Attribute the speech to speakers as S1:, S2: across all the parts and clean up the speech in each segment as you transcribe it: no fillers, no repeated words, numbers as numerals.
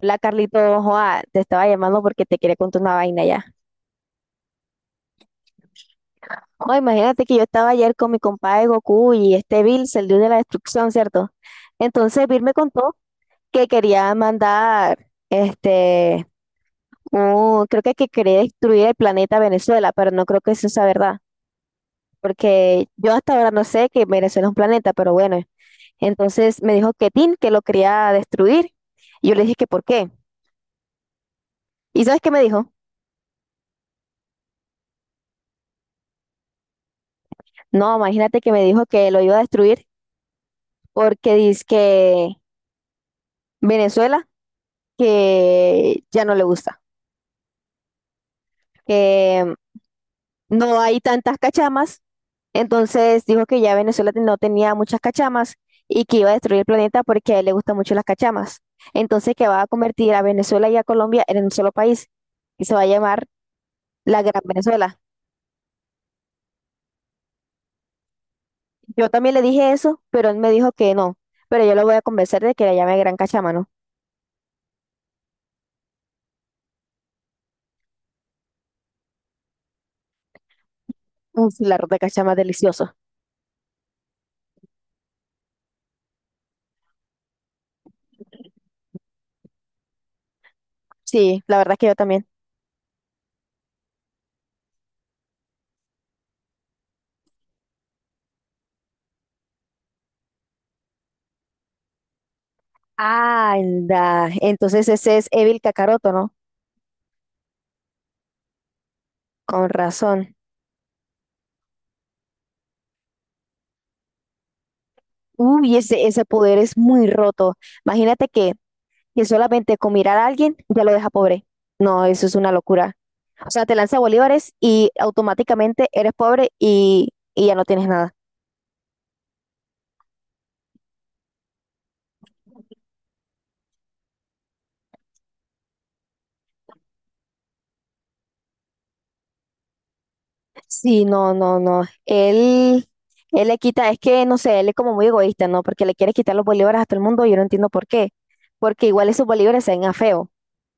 S1: Hola Carlito, joa, te estaba llamando porque te quería contar una vaina ya. Joa, imagínate que yo estaba ayer con mi compadre Goku y este Bills, el dios de la destrucción, ¿cierto? Entonces Bill me contó que quería mandar, creo que quería destruir el planeta Venezuela, pero no creo que eso sea verdad, porque yo hasta ahora no sé que Venezuela es un planeta, pero bueno. Entonces me dijo que Tin, que lo quería destruir. Y yo le dije que por qué. ¿Y sabes qué me dijo? No, imagínate que me dijo que lo iba a destruir porque dice que Venezuela, que ya no le gusta, que no hay tantas cachamas, entonces dijo que ya Venezuela no tenía muchas cachamas y que iba a destruir el planeta porque a él le gustan mucho las cachamas. Entonces que va a convertir a Venezuela y a Colombia en un solo país y se va a llamar la Gran Venezuela. Yo también le dije eso, pero él me dijo que no, pero yo lo voy a convencer de que la llame Gran Cachama, ¿no? Uf, el arroz de cachama es delicioso. Sí, la verdad es que yo también. Anda, entonces ese es Evil Kakaroto, ¿no? Con razón. Uy, ese poder es muy roto. Imagínate que solamente con mirar a alguien ya lo deja pobre. No, eso es una locura. O sea, te lanza bolívares y automáticamente eres pobre y ya no tienes nada. Sí, no, no, no. Él le quita, es que no sé, él es como muy egoísta, ¿no? Porque le quiere quitar los bolívares a todo el mundo y yo no entiendo por qué. Porque igual esos bolívares se ven a feo.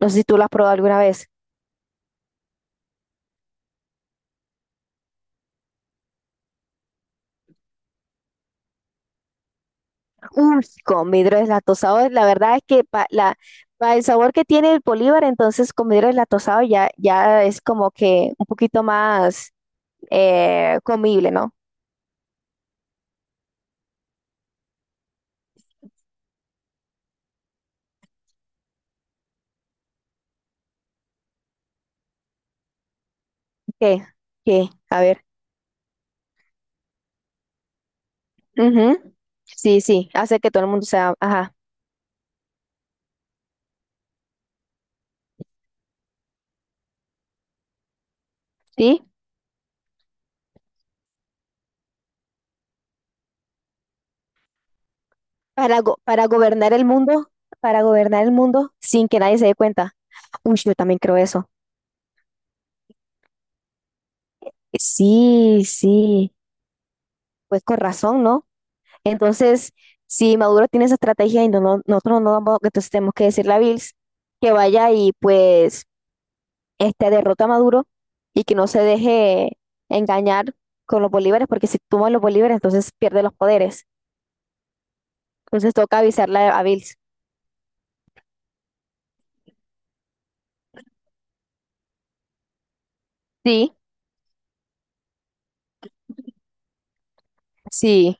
S1: No sé si tú lo has probado alguna vez. Uy, con vidrio deslactosado, la verdad es que pa el sabor que tiene el Bolívar, entonces con vidrio deslactosado ya es como que un poquito más comible, ¿no? ¿Qué? ¿Qué? A ver. Ujú. Sí, sí, hace que todo el mundo sea, ajá, ¿sí? Para, para gobernar el mundo, para gobernar el mundo sin que nadie se dé cuenta. Uy, yo también creo eso. Sí, sí, pues con razón, ¿no? Entonces, si Maduro tiene esa estrategia y no, nosotros no vamos, entonces tenemos que decirle a Bills que vaya y pues este, derrota a Maduro y que no se deje engañar con los bolívares, porque si toma los bolívares, entonces pierde los poderes. Entonces toca avisarle a Bills. Sí, sí,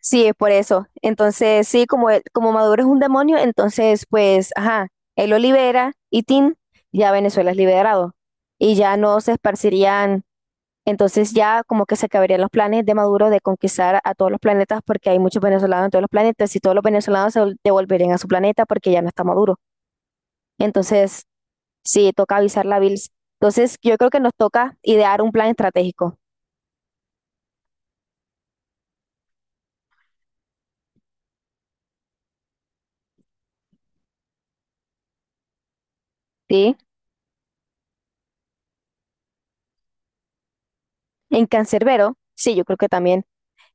S1: sí, es por eso. Entonces, sí, como, como Maduro es un demonio, entonces pues, ajá, él lo libera y Tin, ya Venezuela es liberado. Y ya no se esparcirían. Entonces ya como que se acabarían los planes de Maduro de conquistar a todos los planetas porque hay muchos venezolanos en todos los planetas y todos los venezolanos se devolverían a su planeta porque ya no está Maduro. Entonces, sí, toca avisar la Bills. Entonces, yo creo que nos toca idear un plan estratégico, ¿sí? En Cancerbero, sí, yo creo que también.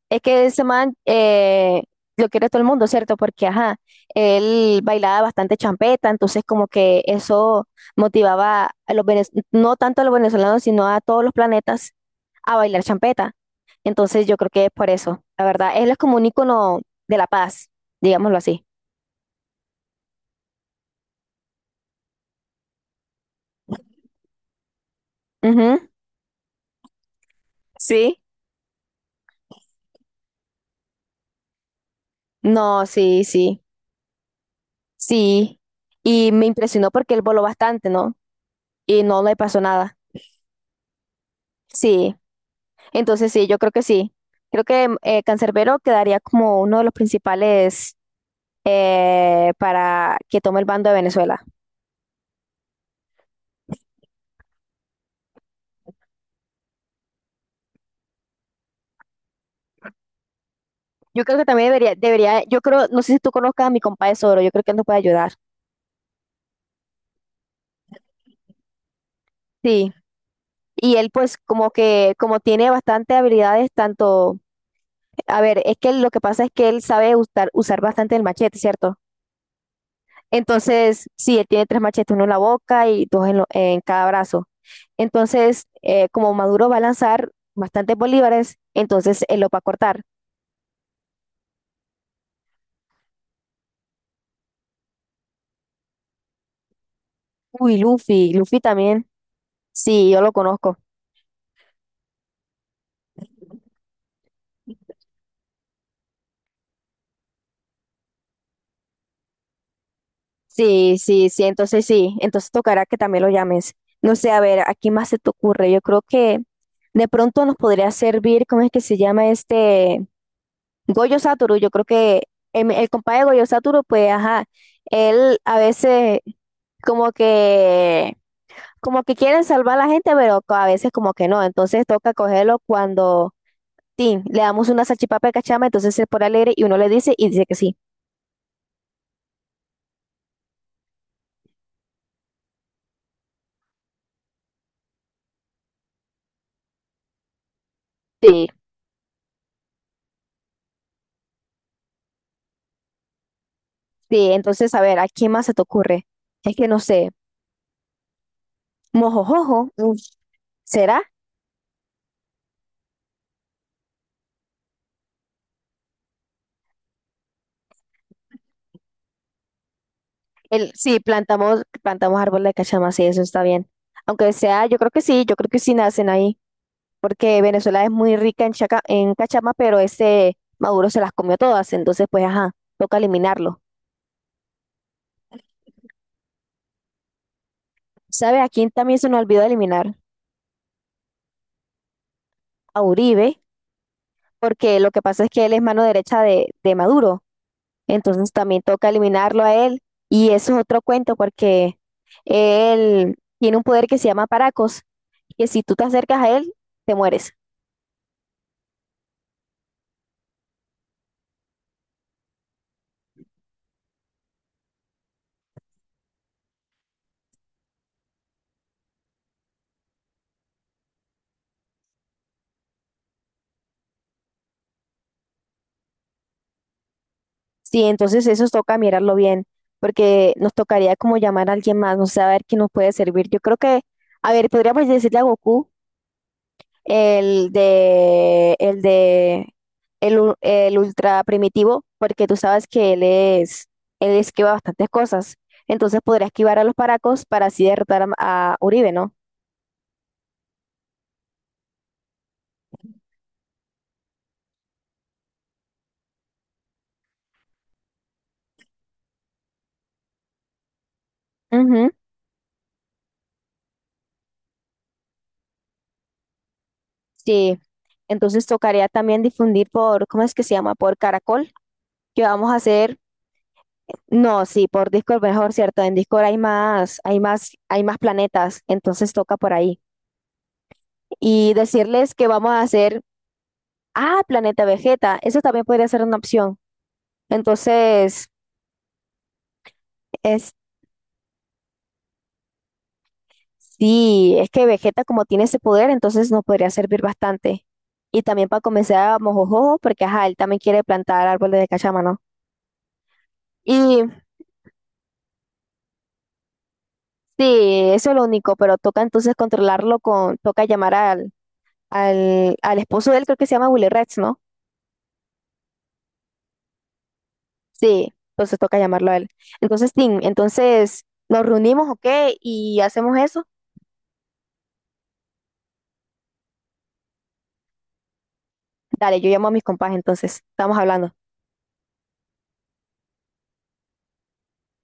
S1: Es que ese man lo quiere todo el mundo, ¿cierto? Porque, ajá, él bailaba bastante champeta, entonces como que eso motivaba a los no tanto a los venezolanos, sino a todos los planetas a bailar champeta. Entonces yo creo que es por eso, la verdad. Él es como un ícono de la paz, digámoslo así. Ujú. Sí, no, sí, sí, sí. Y me impresionó porque él voló bastante, ¿no? Y no le pasó nada. Sí, entonces sí, yo creo que sí. Creo que Cancerbero quedaría como uno de los principales para que tome el bando de Venezuela. Yo creo que también debería, yo creo, no sé si tú conozcas a mi compa de Soro, yo creo que él nos puede ayudar. Sí. Y él pues como que, como tiene bastante habilidades, tanto, a ver, es que lo que pasa es que él sabe usar bastante el machete, ¿cierto? Entonces, sí, él tiene tres machetes, uno en la boca y dos en, en cada brazo. Entonces, como Maduro va a lanzar bastantes bolívares, entonces él lo va a cortar. Uy, Luffy también, sí, yo lo conozco. Sí, sí, sí, entonces tocará que también lo llames. No sé, a ver, ¿a quién más se te ocurre? Yo creo que de pronto nos podría servir, ¿cómo es que se llama este? Goyo Satoru, yo creo que compadre de Goyo Satoru, pues, ajá, él a veces como que, como que quiere salvar a la gente, pero a veces como que no, entonces toca cogerlo cuando, sí, le damos una salchipapa de cachama, entonces se pone alegre y uno le dice y dice que sí. Sí, sí, entonces, a ver, ¿a quién más se te ocurre? Es que no sé. Mojojojo, mm, ¿será? El, sí, plantamos, plantamos árbol de cachama, sí, eso está bien. Aunque sea, yo creo que sí, yo creo que sí nacen ahí, porque Venezuela es muy rica en, en cachama, pero ese Maduro se las comió todas, entonces pues ajá, toca eliminarlo. ¿Sabe a quién también se nos olvidó eliminar? A Uribe, porque lo que pasa es que él es mano derecha de Maduro, entonces también toca eliminarlo a él, y eso es otro cuento, porque él tiene un poder que se llama Paracos. Que si tú te acercas a él, te mueres. Sí, entonces eso toca mirarlo bien, porque nos tocaría como llamar a alguien más, no sé, a ver quién nos puede servir. Yo creo que, a ver, podríamos decirle a Goku, el de, el de, el, el ultra primitivo, porque tú sabes que él es, él esquiva bastantes cosas. Entonces podría esquivar a los paracos para así derrotar a Uribe, ¿no? Ujú, sí. Entonces tocaría también difundir por, ¿cómo es que se llama? Por Caracol, que vamos a hacer. No, sí, por Discord mejor, ¿cierto? En Discord hay más planetas, entonces toca por ahí. Y decirles que vamos a hacer, ah, Planeta Vegeta, eso también podría ser una opción. Entonces, es, sí, es que Vegeta como tiene ese poder, entonces nos podría servir bastante. Y también para comenzar a Mojojojo, porque ajá, él también quiere plantar árboles de cachama, ¿no? Y sí, eso es lo único, pero toca entonces controlarlo con, toca llamar al esposo de él, creo que se llama Willy Rex, ¿no? Sí, entonces toca llamarlo a él. Entonces, Tim, entonces nos reunimos, ¿ok? Y hacemos eso. Dale, yo llamo a mis compas, entonces estamos hablando.